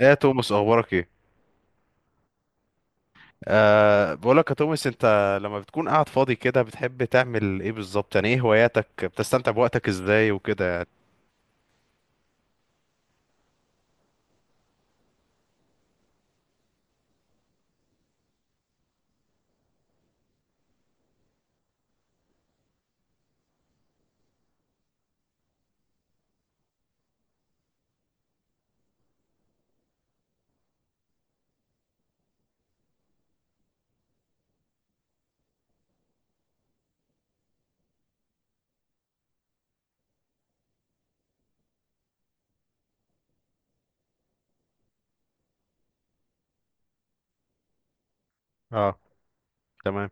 ايه يا توماس، اخبارك ايه؟ بقولك يا توماس، انت لما بتكون قاعد فاضي كده بتحب تعمل ايه بالظبط؟ يعني ايه هواياتك؟ بتستمتع بوقتك ازاي وكده يعني؟ اه. تمام.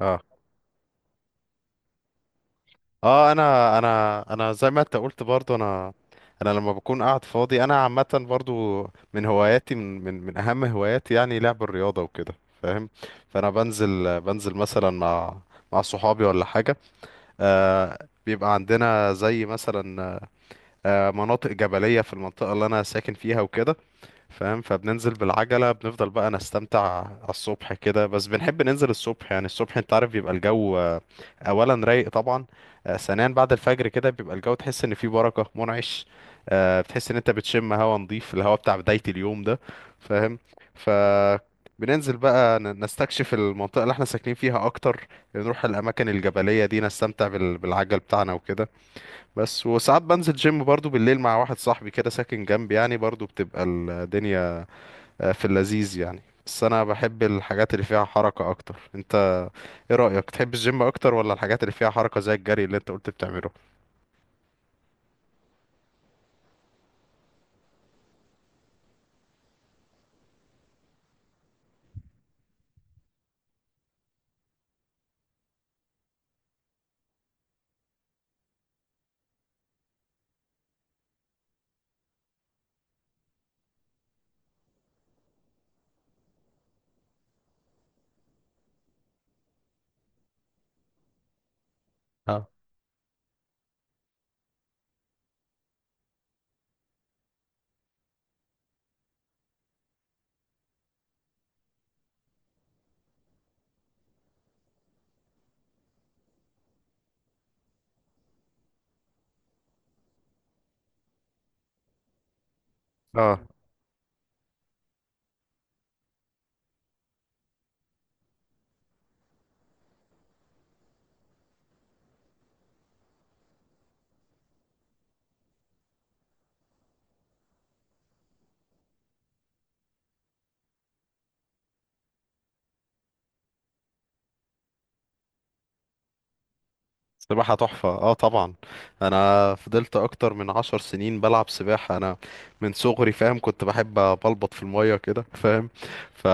اه. اه، انا زي ما انت قلت، برضو انا لما بكون قاعد فاضي، انا عامه برضو من هواياتي، من اهم هواياتي يعني لعب الرياضه وكده، فاهم. فانا بنزل مثلا مع صحابي ولا حاجه. بيبقى عندنا زي مثلا، مناطق جبلية في المنطقة اللي أنا ساكن فيها وكده، فاهم. فبننزل بالعجلة، بنفضل بقى نستمتع على الصبح كده، بس بنحب ننزل الصبح، يعني الصبح أنت عارف بيبقى الجو أولا رايق طبعا، ثانيا بعد الفجر كده بيبقى الجو، تحس إن فيه بركة منعش، بتحس إن أنت بتشم هوا نظيف، الهوا بتاع بداية اليوم ده، فاهم. ف بننزل بقى نستكشف المنطقة اللي احنا ساكنين فيها أكتر، نروح الأماكن الجبلية دي نستمتع بالعجل بتاعنا وكده. بس وساعات بنزل جيم برضو بالليل مع واحد صاحبي كده ساكن جنبي، يعني برضو بتبقى الدنيا في اللذيذ يعني. بس انا بحب الحاجات اللي فيها حركة اكتر. انت ايه رأيك؟ تحب الجيم اكتر ولا الحاجات اللي فيها حركة زي الجري اللي انت قلت بتعمله؟ اه. سباحة تحفة، اه طبعا. انا فضلت اكتر من 10 سنين بلعب سباحة، انا من صغري فاهم، كنت بحب بلبط في المية كده، فاهم. ف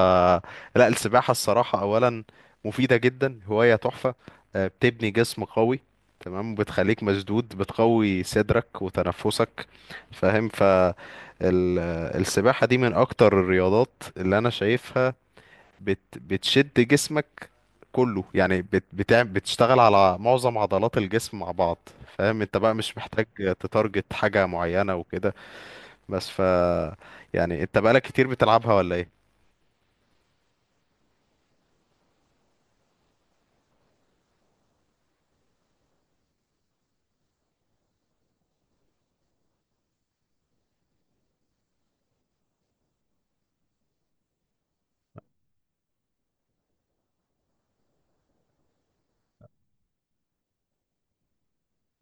لا السباحة الصراحة اولا مفيدة جدا، هواية تحفة. بتبني جسم قوي، تمام، بتخليك مشدود، بتقوي صدرك وتنفسك، فاهم. ال- السباحة دي من اكتر الرياضات اللي انا شايفها بتشد جسمك كله، يعني بتشتغل على معظم عضلات الجسم مع بعض، فاهم. انت بقى مش محتاج تتارجت حاجة معينة وكده، بس يعني انت بقالك كتير بتلعبها ولا ايه؟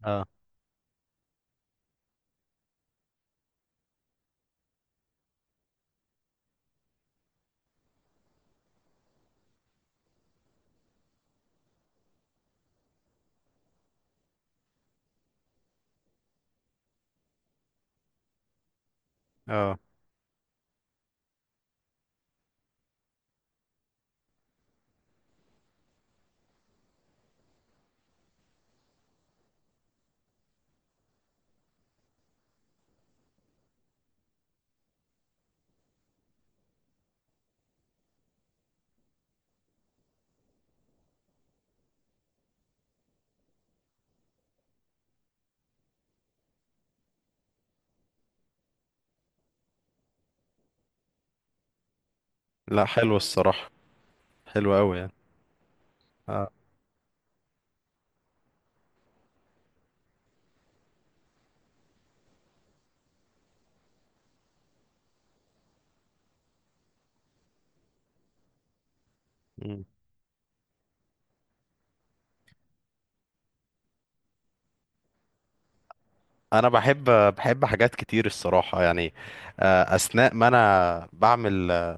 اه. اه. لا حلو الصراحة، حلو قوي يعني. اه. مم. انا بحب حاجات كتير الصراحة يعني. اثناء ما انا بعمل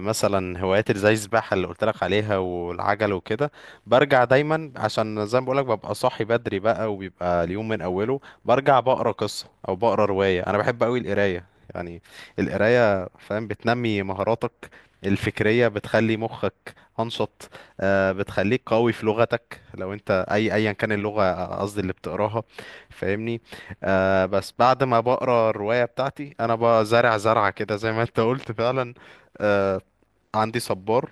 مثلا هوايات اللي زي السباحة اللي قلت لك عليها والعجل وكده، برجع دايما عشان زي ما بقولك ببقى صاحي بدري بقى وبيبقى اليوم من أوله، برجع بقرا قصة أو بقرا رواية. أنا بحب أوي القراية يعني، القراية فاهم بتنمي مهاراتك الفكرية، بتخلي مخك أنشط، بتخليك قوي في لغتك لو أنت أيا كان اللغة قصدي اللي بتقراها، فاهمني. بس بعد ما بقرا الرواية بتاعتي أنا بزرع زرعة كده زي ما أنت قلت فعلا. آه، عندي صبار،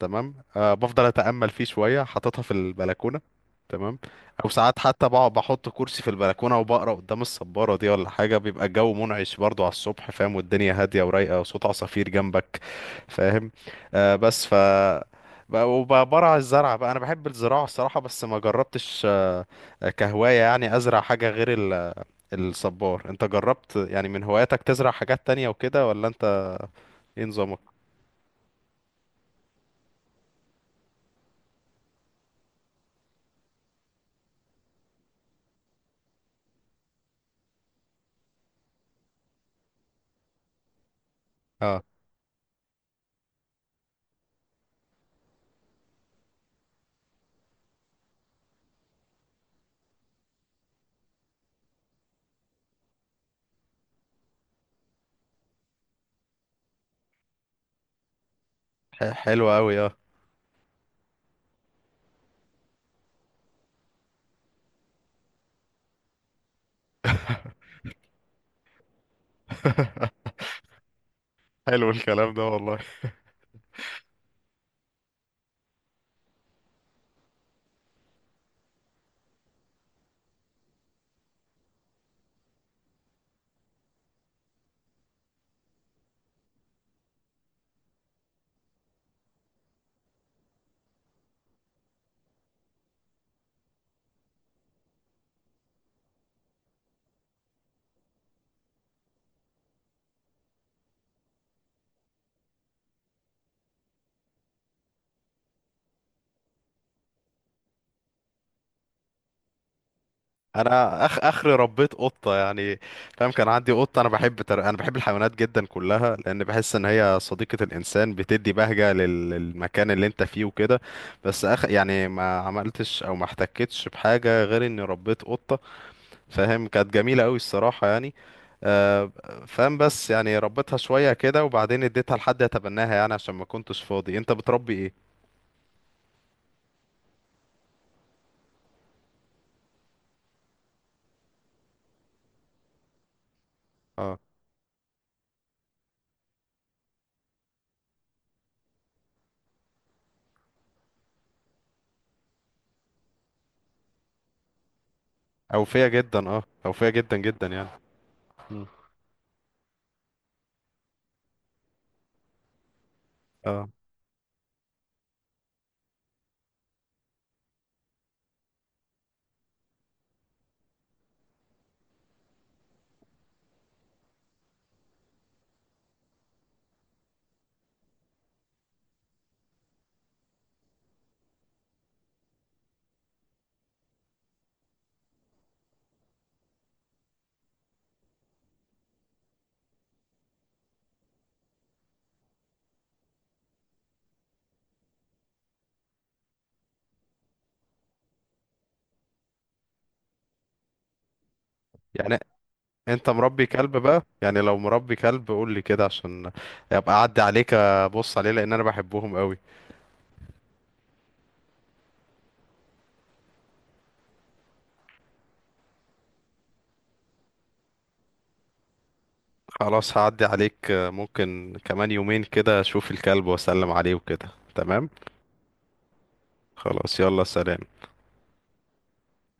تمام، بفضل اتامل فيه شويه حاططها في البلكونه، تمام. او ساعات حتى بقعد بحط كرسي في البلكونه وبقرا قدام الصباره دي ولا حاجه، بيبقى الجو منعش برضو على الصبح، فاهم. والدنيا هاديه ورايقه وصوت عصافير جنبك، فاهم. بس وبرع الزرع بقى انا بحب الزراعه الصراحه، بس ما جربتش كهوايه يعني ازرع حاجه غير الصبار. انت جربت يعني من هواياتك تزرع حاجات تانية وكده ولا انت ايه نظامك؟ اه. حلو قوي. حلو الكلام ده والله. انا اخري ربيت قطه يعني، فاهم، كان عندي قطه. انا بحب الحيوانات جدا كلها، لان بحس ان هي صديقه الانسان، بتدي بهجه للمكان اللي انت فيه وكده. بس يعني ما عملتش او ما احتكتش بحاجه غير اني ربيت قطه، فاهم كانت جميله قوي الصراحه يعني. آه، فاهم. بس يعني ربيتها شويه كده وبعدين اديتها لحد يتبناها يعني عشان ما كنتش فاضي. انت بتربي ايه؟ اه. اوفيه جدا، اه، اوفيه جدا جدا يعني. مم. اه. يعني انت مربي كلب بقى؟ يعني لو مربي كلب قول لي كده عشان ابقى اعدي عليك ابص عليه، لان انا بحبهم قوي. خلاص، هعدي عليك ممكن كمان يومين كده اشوف الكلب واسلم عليه وكده، تمام. خلاص يلا، سلام.